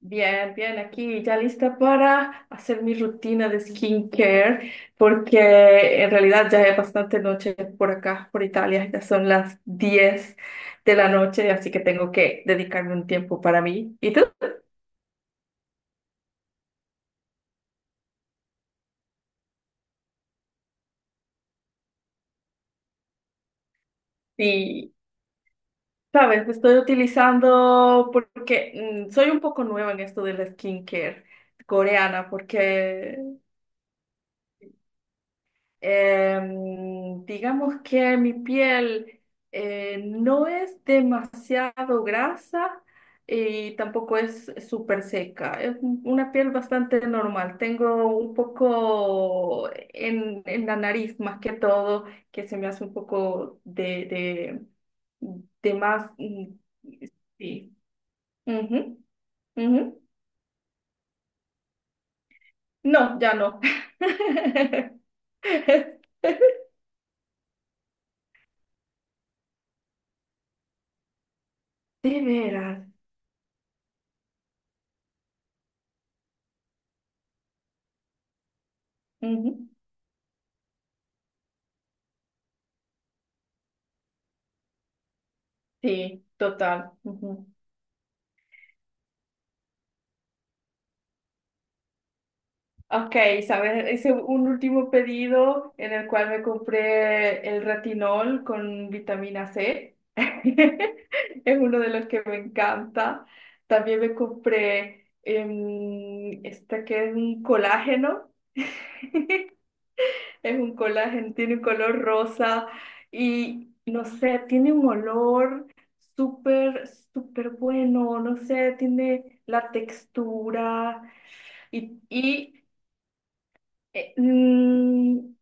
Bien, bien, aquí ya lista para hacer mi rutina de skincare, porque en realidad ya es bastante noche por acá, por Italia, ya son las 10 de la noche, así que tengo que dedicarme un tiempo para mí. ¿Y tú? Sí, sabes, estoy utilizando porque soy un poco nueva en esto de la skincare coreana, porque digamos que mi piel no es demasiado grasa y tampoco es súper seca. Es una piel bastante normal. Tengo un poco en la nariz más que todo, que se me hace un poco de más. Sí. Ujú, ujú. No, ya no. De veras. Ujú. Sí, total. Ujú. Ok, ¿sabes? Hice un último pedido en el cual me compré el retinol con vitamina C. Es uno de los que me encanta. También me compré este que es un colágeno. Es un colágeno, tiene un color rosa y no sé, tiene un olor súper, súper bueno. No sé, tiene la textura. Y, y, eh, mm,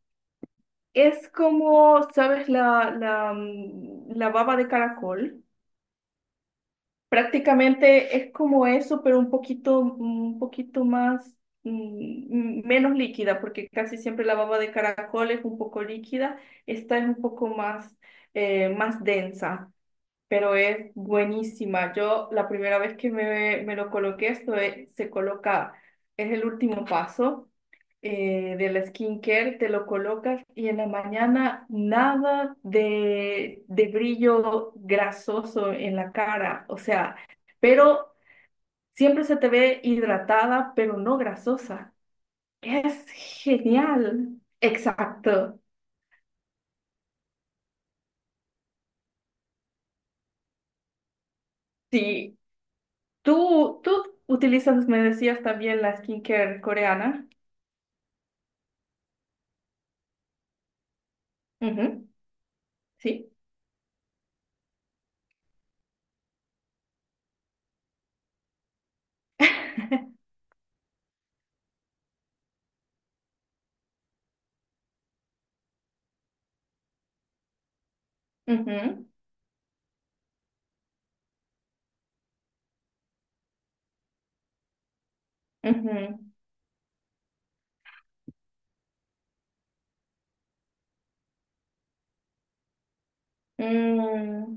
es como, ¿sabes? la baba de caracol. Prácticamente es como eso, pero un poquito más, menos líquida, porque casi siempre la baba de caracol es un poco líquida. Esta es un poco más densa, pero es buenísima. Yo la primera vez que me lo coloqué, se coloca, es el último paso de la skincare, te lo colocas y en la mañana nada de brillo grasoso en la cara, o sea, pero siempre se te ve hidratada, pero no grasosa. Es genial. Exacto. Sí. Tú utilizas, me decías también la skincare coreana. Ujú, sí. Ujú, ujú. Mm,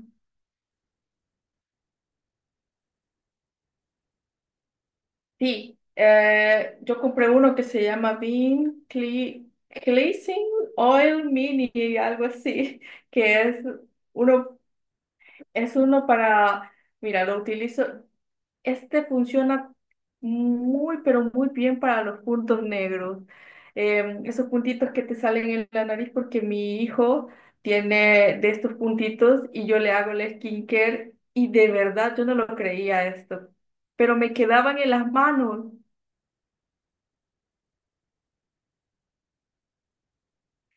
sí, yo compré uno que se llama Bean Cleansing Oil Mini, algo así. Que es uno. Es uno para, mira, lo utilizo, este funciona muy, pero muy bien para los puntos negros. Esos puntitos que te salen en la nariz porque mi hijo tiene de estos puntitos y yo le hago el skincare y de verdad yo no lo creía esto, pero me quedaban en las manos.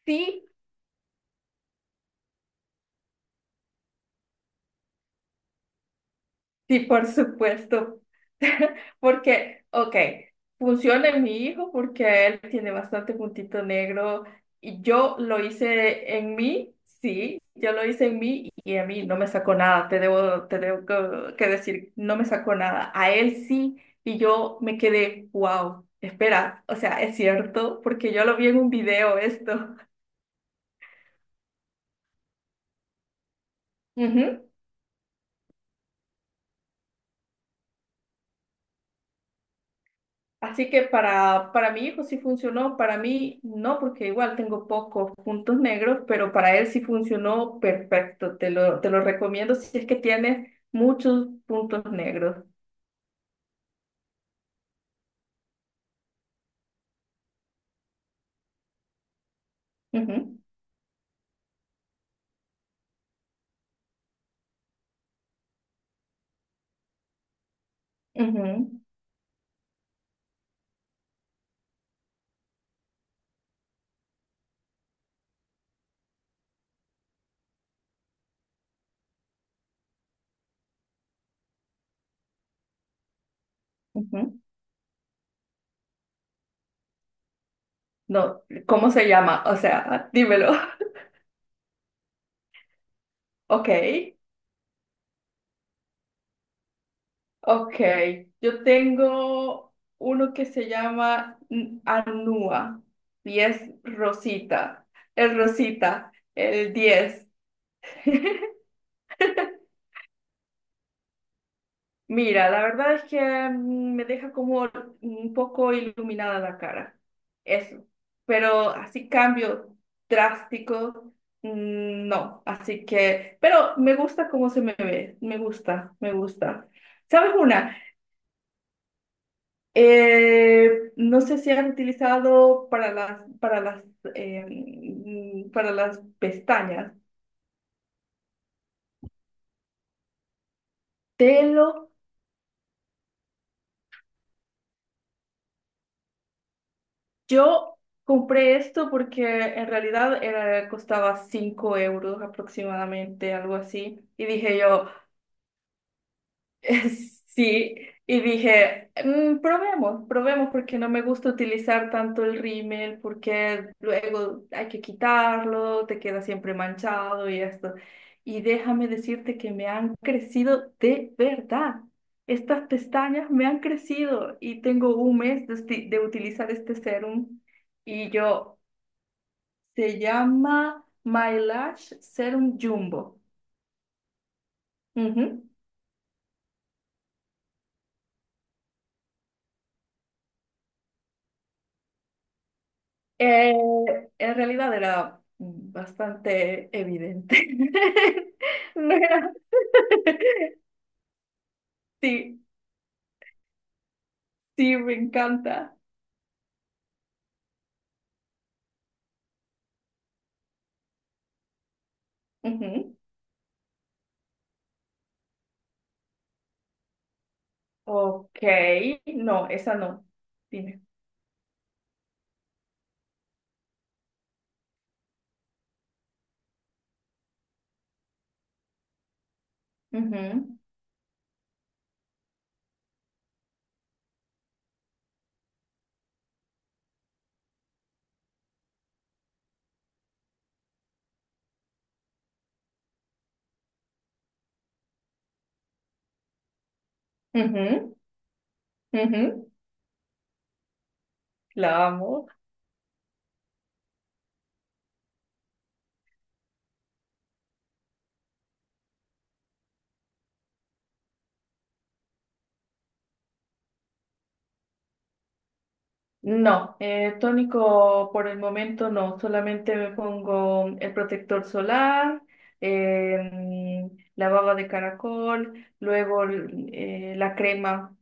Sí, sí, por supuesto. Porque, ok, funciona en mi hijo porque él tiene bastante puntito negro y yo lo hice en mí, sí, yo lo hice en mí y a mí no me sacó nada, te debo que decir, no me sacó nada, a él sí, y yo me quedé, wow, espera, o sea, es cierto porque yo lo vi en un video esto. Así que para mi hijo sí funcionó, para mí no, porque igual tengo pocos puntos negros, pero para él sí funcionó perfecto. Te lo recomiendo si es que tienes muchos puntos negros. Ujú, ujú, ujú. No, ¿cómo se llama? O sea, dímelo. Ok, ok. Yo tengo uno que se llama Anúa y es Rosita. El Rosita, el 10. Mira, la verdad es que me deja como un poco iluminada la cara, eso. Pero así cambio drástico, no. Así que, pero me gusta cómo se me ve, me gusta, me gusta. ¿Sabes una? No sé si han utilizado para las, para las pestañas. Telo Yo compré esto porque en realidad era, costaba 5 euros aproximadamente, algo así. Y dije yo, sí. Y dije, "Mm, probemos, probemos porque no me gusta utilizar tanto el rímel porque luego hay que quitarlo, te queda siempre manchado y esto." Y déjame decirte que me han crecido de verdad. Estas pestañas me han crecido y tengo un mes de utilizar este serum, y yo... Se llama My Lash Serum Jumbo. Ujú. Eh, en realidad era bastante evidente. No era- Sí, sí, me encanta. Ujú. Ok, no, esa no. Dime. Ujú, ujú, ujú. La amo. No, tónico por el momento no, solamente me pongo el protector solar, em, la baba de caracol, luego la crema.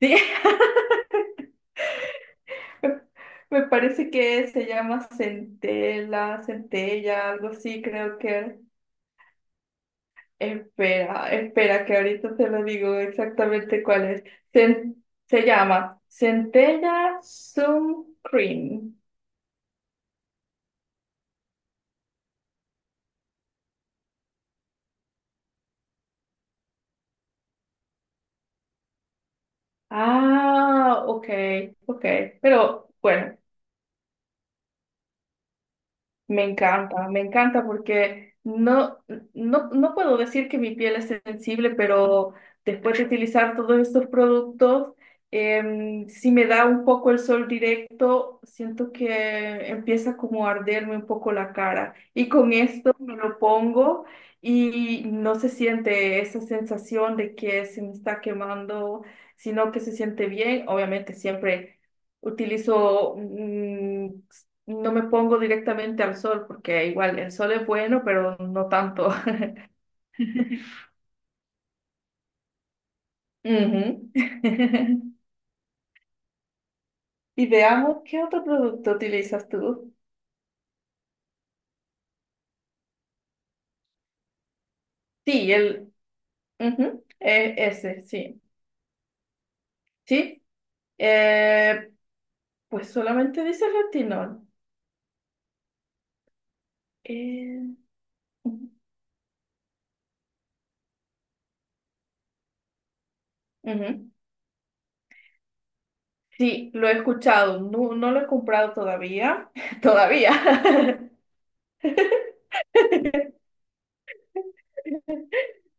Sí, me parece que se llama centela, centella, algo así, creo que era. Espera, espera, que ahorita te lo digo exactamente cuál es. Cen- se llama Centella Sun Cream. Ah, ok, ok. Pero bueno, me encanta porque no, no, no puedo decir que mi piel es sensible, pero después de utilizar todos estos productos, si me da un poco el sol directo, siento que empieza como a arderme un poco la cara. Y con esto me lo pongo y no se siente esa sensación de que se me está quemando, sino que se siente bien. Obviamente siempre utilizo no me pongo directamente al sol, porque igual el sol es bueno, pero no tanto. Ujú. Y veamos qué otro producto utilizas tú. Sí, el ujú, ese, sí. Sí, eh, pues solamente dice retinol. Eh, ujú, ujú. Sí, lo he escuchado, no, no lo he comprado todavía, todavía.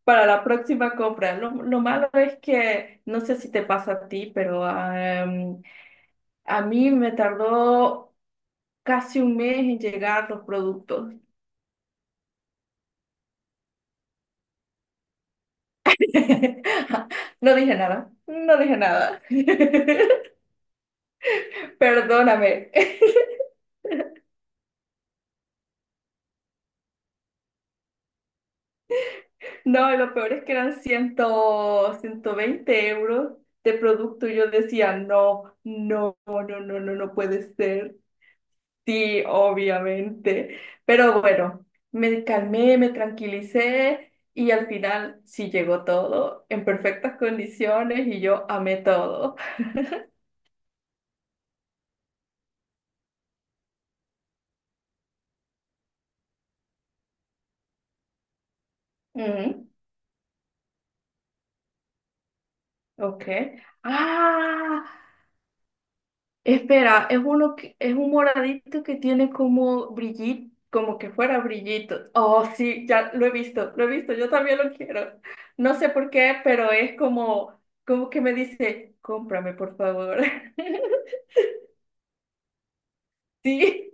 Para la próxima compra. Lo malo es que, no sé si te pasa a ti, pero am, a mí me tardó casi un mes en llegar los productos. No dije nada, no dije nada. Perdóname. No, y lo peor es que eran 120 euros de producto y yo decía, no, no, no, no, no, no puede ser. Sí, obviamente. Pero bueno, me calmé, me tranquilicé y al final sí llegó todo en perfectas condiciones y yo amé todo. Mm, ok. Ah, espera, es es un moradito que tiene como brillito, como que fuera brillito. Oh, sí, ya lo he visto, yo también lo quiero. No sé por qué, pero es como, como que me dice, cómprame, por favor. Sí.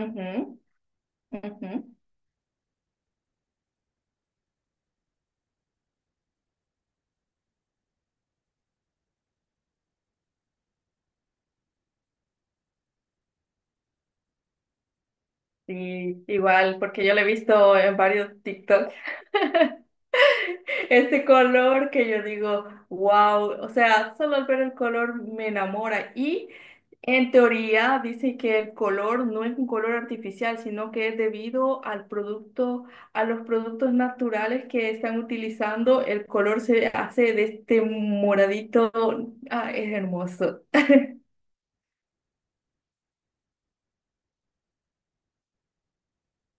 Ujú. Ujú. Sí, igual, porque yo lo he visto en varios TikTok, este color que yo digo, wow, o sea, solo al ver el color me enamora. Y en teoría dice que el color no es un color artificial, sino que es debido al producto, a los productos naturales que están utilizando, el color se hace de este moradito, ah, es hermoso.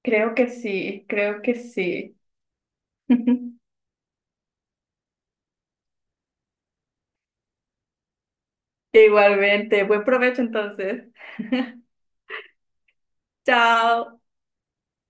Creo que sí, creo que sí. Igualmente, buen provecho entonces. Chao.